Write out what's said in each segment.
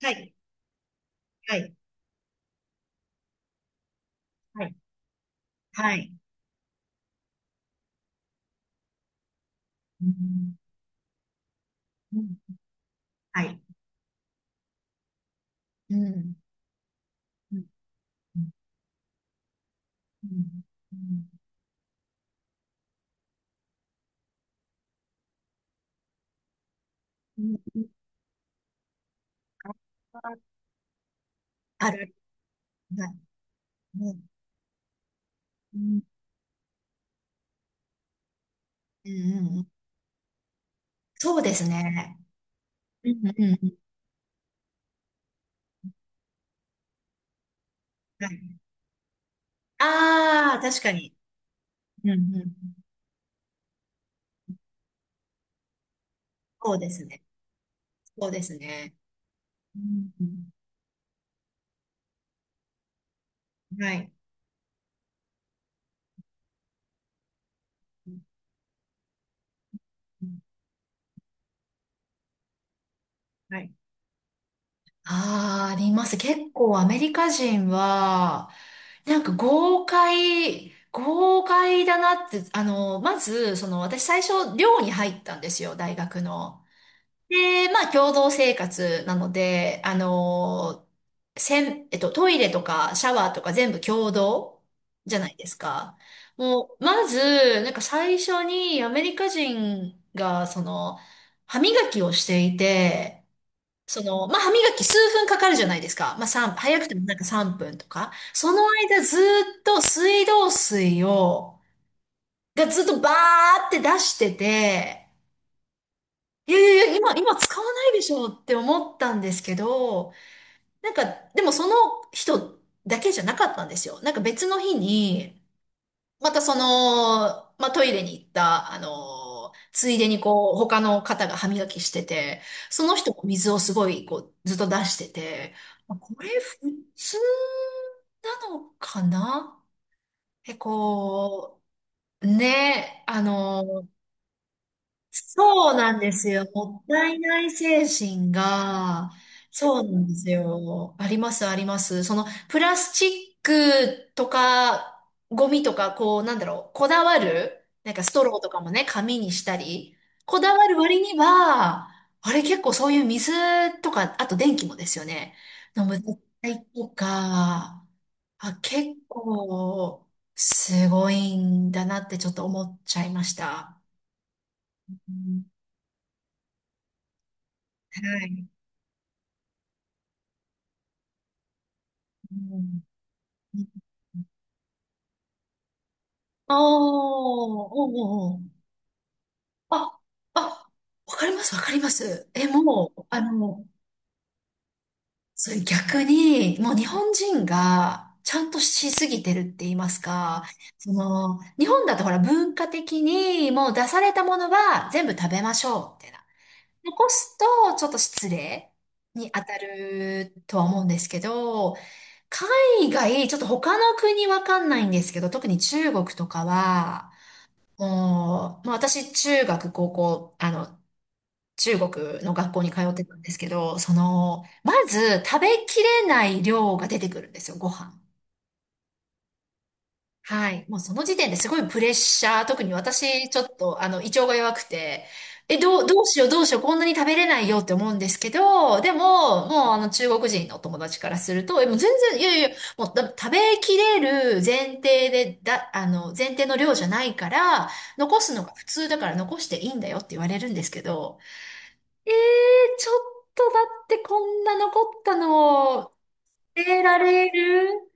はい、はい、はい、はい。うん、うん、はい。うん、うん、うん、うん、うん、うんうん、あ、ある、はい、うん、うん、うん、うん、そうですね。うん、うん、うん、はい。ああ、確かに。うん、うん、そうですね。そうですね。うん、うん、はい。うん、うん、はい。ああ、あります。結構アメリカ人は、なんか豪快、豪快だなって、あの、まず、その私最初寮に入ったんですよ、大学の。で、まあ共同生活なので、あの、せん、トイレとかシャワーとか全部共同じゃないですか。もう、まず、なんか最初にアメリカ人が、その、歯磨きをしていて、その、まあ、歯磨き数分かかるじゃないですか。まあ、3、早くてもなんか3分とか。その間ずっと水道水を、がずっとバーって出してて、いやいやいや、今使わないでしょって思ったんですけど、なんか、でもその人だけじゃなかったんですよ。なんか別の日に、またその、まあ、トイレに行った、あの、ついでにこう、他の方が歯磨きしてて、その人も水をすごい、こう、ずっと出してて、まあこれ普通なのかな、え、こう、ね、あの、そうなんですよ。もったいない精神が、そうなんですよ。あります、あります。その、プラスチックとか、ゴミとか、こう、なんだろう、こだわる、なんかストローとかもね、紙にしたり、こだわる割には、あれ結構そういう水とか、あと電気もですよね。の無駄遣いとか、あ、結構、すごいんだなってちょっと思っちゃいました。うん、はい。うん。ああ、おうおうう。あ、あ、わかります、わかります。え、もう、あの、それ逆に、もう日本人がちゃんとしすぎてるって言いますか、その、日本だとほら文化的にもう出されたものは全部食べましょう、みたいな。残すとちょっと失礼に当たるとは思うんですけど、海外、ちょっと他の国わかんないんですけど、特に中国とかは、もう、まあ、私、中学、高校、あの、中国の学校に通ってたんですけど、その、まず食べきれない量が出てくるんですよ、ご飯。はい。もうその時点ですごいプレッシャー。特に私、ちょっと、あの、胃腸が弱くて、え、どう、どうしよう、どうしよう、こんなに食べれないよって思うんですけど、でも、もう、あの、中国人のお友達からすると、え、もう全然、いやいや、もう、だ食べきれる前提で、だ、あの、前提の量じゃないから、残すのが普通だから残していいんだよって言われるんですけど、えー、ちょっとだってこんな残ったのを、捨てられる、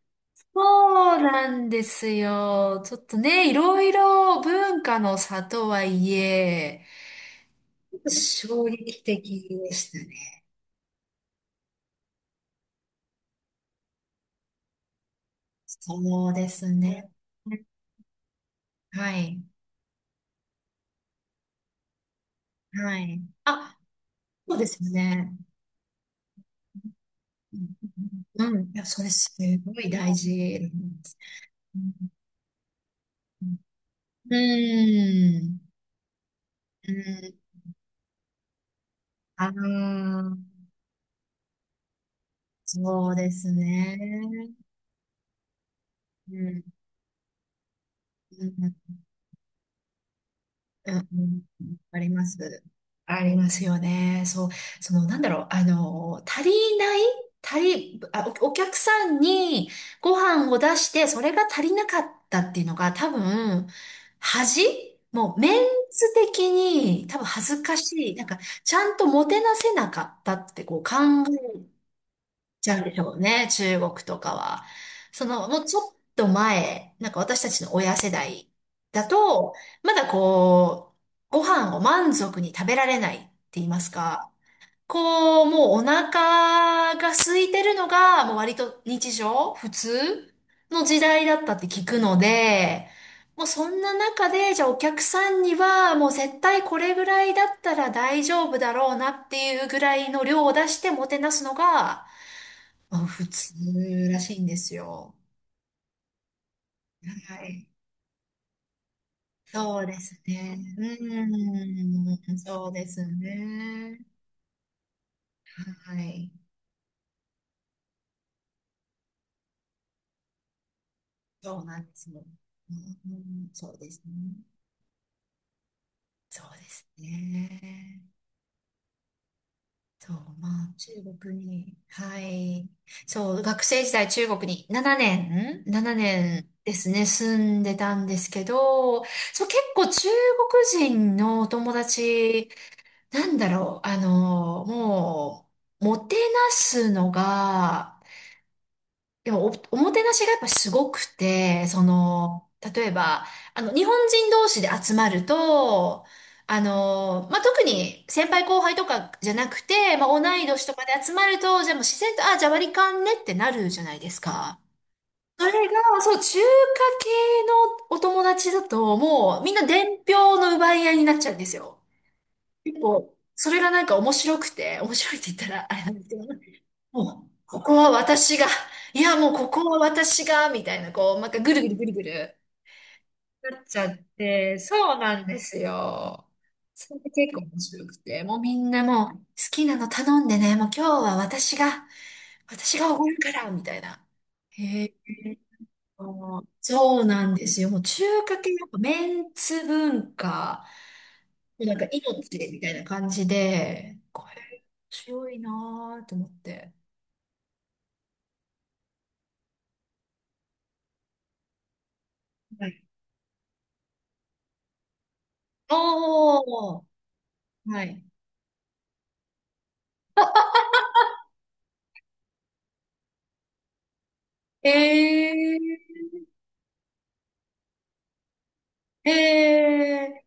そうなんですよ。ちょっとね、いろいろ文化の差とはいえ、衝撃的でしたね。そうですね。はい。はい。あ、そうですよね。うんうん。いや、それすごい大事なんです。うんうん。うん。ああ、そうですね。うん。うんうん、あります。ありますよね。そう、その、なんだろう、あの、足りない足り、あ、お、お客さんにご飯を出して、それが足りなかったっていうのが多分、恥、もう、メンツ的に多分恥ずかしい。なんか、ちゃんともてなせなかったってこう考ちゃうんでしょうね、中国とかは。その、もうちょっと前、なんか私たちの親世代だと、まだこう、ご飯を満足に食べられないって言いますか、こう、もうお腹が空いてるのが、もう割と日常、普通の時代だったって聞くので、もうそんな中で、じゃあお客さんには、もう絶対これぐらいだったら大丈夫だろうなっていうぐらいの量を出してもてなすのが、あ、普通らしいんですよ。はい。そうですね。うん、そうですね。はい。そうなんですよ。うん、そうですね。そうですね。そう、まあ、中国に、はい。そう、学生時代中国に7年、7年ですね、住んでたんですけど、そう、結構中国人のお友達、なんだろう、あの、もう、もてなすのが、でもお、おもてなしがやっぱすごくて、その、例えば、あの、日本人同士で集まると、あの、まあ、特に先輩後輩とかじゃなくて、まあ、同い年とかで集まると、じゃあもう自然と、あ、じゃあ割り勘ねってなるじゃないですか。それが、そう、中華系のお友達だと、もうみんな伝票の奪い合いになっちゃうんですよ。結構、それがなんか面白くて、面白いって言ったらあれなんですけど、もう、ここは私が、いや、もうここは私が、みたいな、こう、なんかぐるぐるぐるぐるなっちゃって、そうなんですよ。それで結構面白くて、もうみんなもう、好きなの頼んでね、もう今日は私が、私がおごるから、みたいな。へえ。あの、そうなんですよ。もう中華系、やっぱメンツ文化。なんか命みたいな感じで、これ強いなーと思って。はい。おー、はい。えー、えー、なん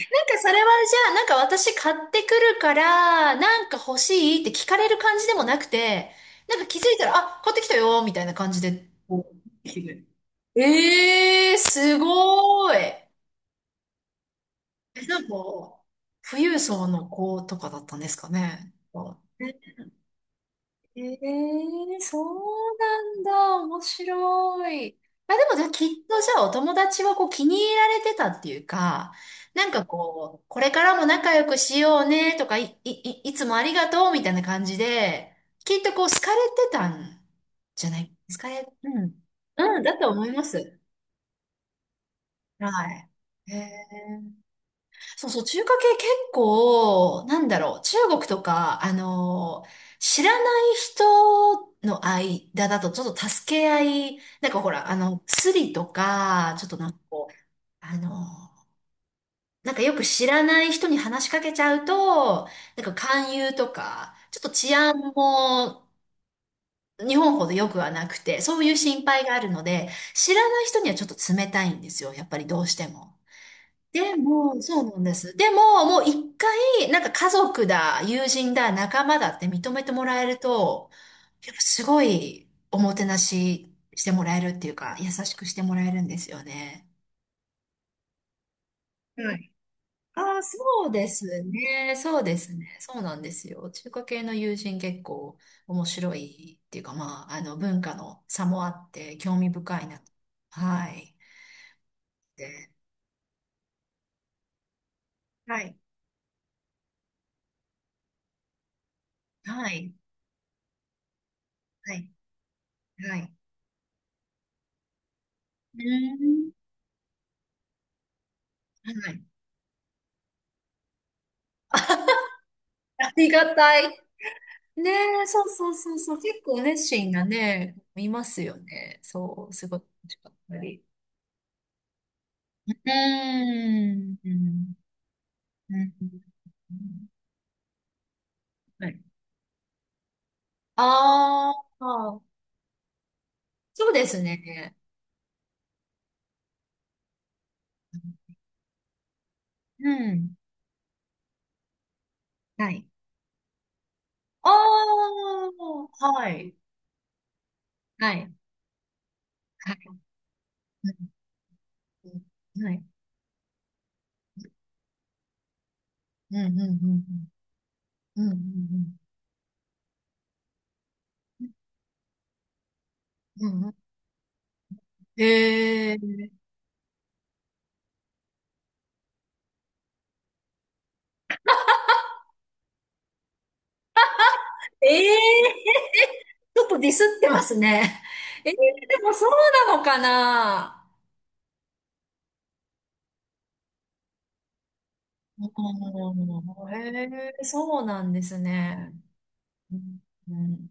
かそれはじゃあ、なんか私買ってくるから、なんか欲しいって聞かれる感じでもなくて、なんか気づいたら、あ、買ってきたよーみたいな感じで、こう来る、えー、すごーい。え、なんか、富裕層の子とかだったんですかね。ええ、そうなんだ。面白い。あ、でもじゃあきっとじゃあお友達はこう気に入られてたっていうか、なんかこう、これからも仲良くしようねとか、いいつもありがとうみたいな感じで、きっとこう好かれてたんじゃない、好かれ、うん。うん、だと思います。はい。へえ。そうそう、中華系結構、なんだろう、中国とか、あのー、知らない人の間だとちょっと助け合い、なんかほら、あの、スリとか、ちょっとなんかこう、あのー、なんかよく知らない人に話しかけちゃうと、なんか勧誘とか、ちょっと治安も日本ほど良くはなくて、そういう心配があるので、知らない人にはちょっと冷たいんですよ、やっぱりどうしても。でも、そうなんです。でも、もう一回、なんか家族だ、友人だ、仲間だって認めてもらえると、やっぱすごいおもてなししてもらえるっていうか、優しくしてもらえるんですよね。はい。ああ、そうですね。そうですね。そうなんですよ。中華系の友人結構面白いっていうか、まあ、あの、文化の差もあって興味深いなと。はい。で、はい。はい。はい。はい。うーん。はい。りがたい。ねえ、そうそうそうそう。結構熱心がね、いますよね。そう、すごい楽しかったり。うーん。うん。うん、はい。ああ、そうですね。うん。はい。ああ、はい。はい。はい。はい。うんうんうんうん。うんうんうん。うんうん。へえ。ええ、 ちょっとディスってますね。えー、でもそうなのかな、うん、へえ、そうなんですね。うんうん、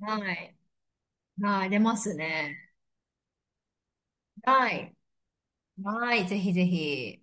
はい。はい、出ますね。はい。はい、ぜひぜひ。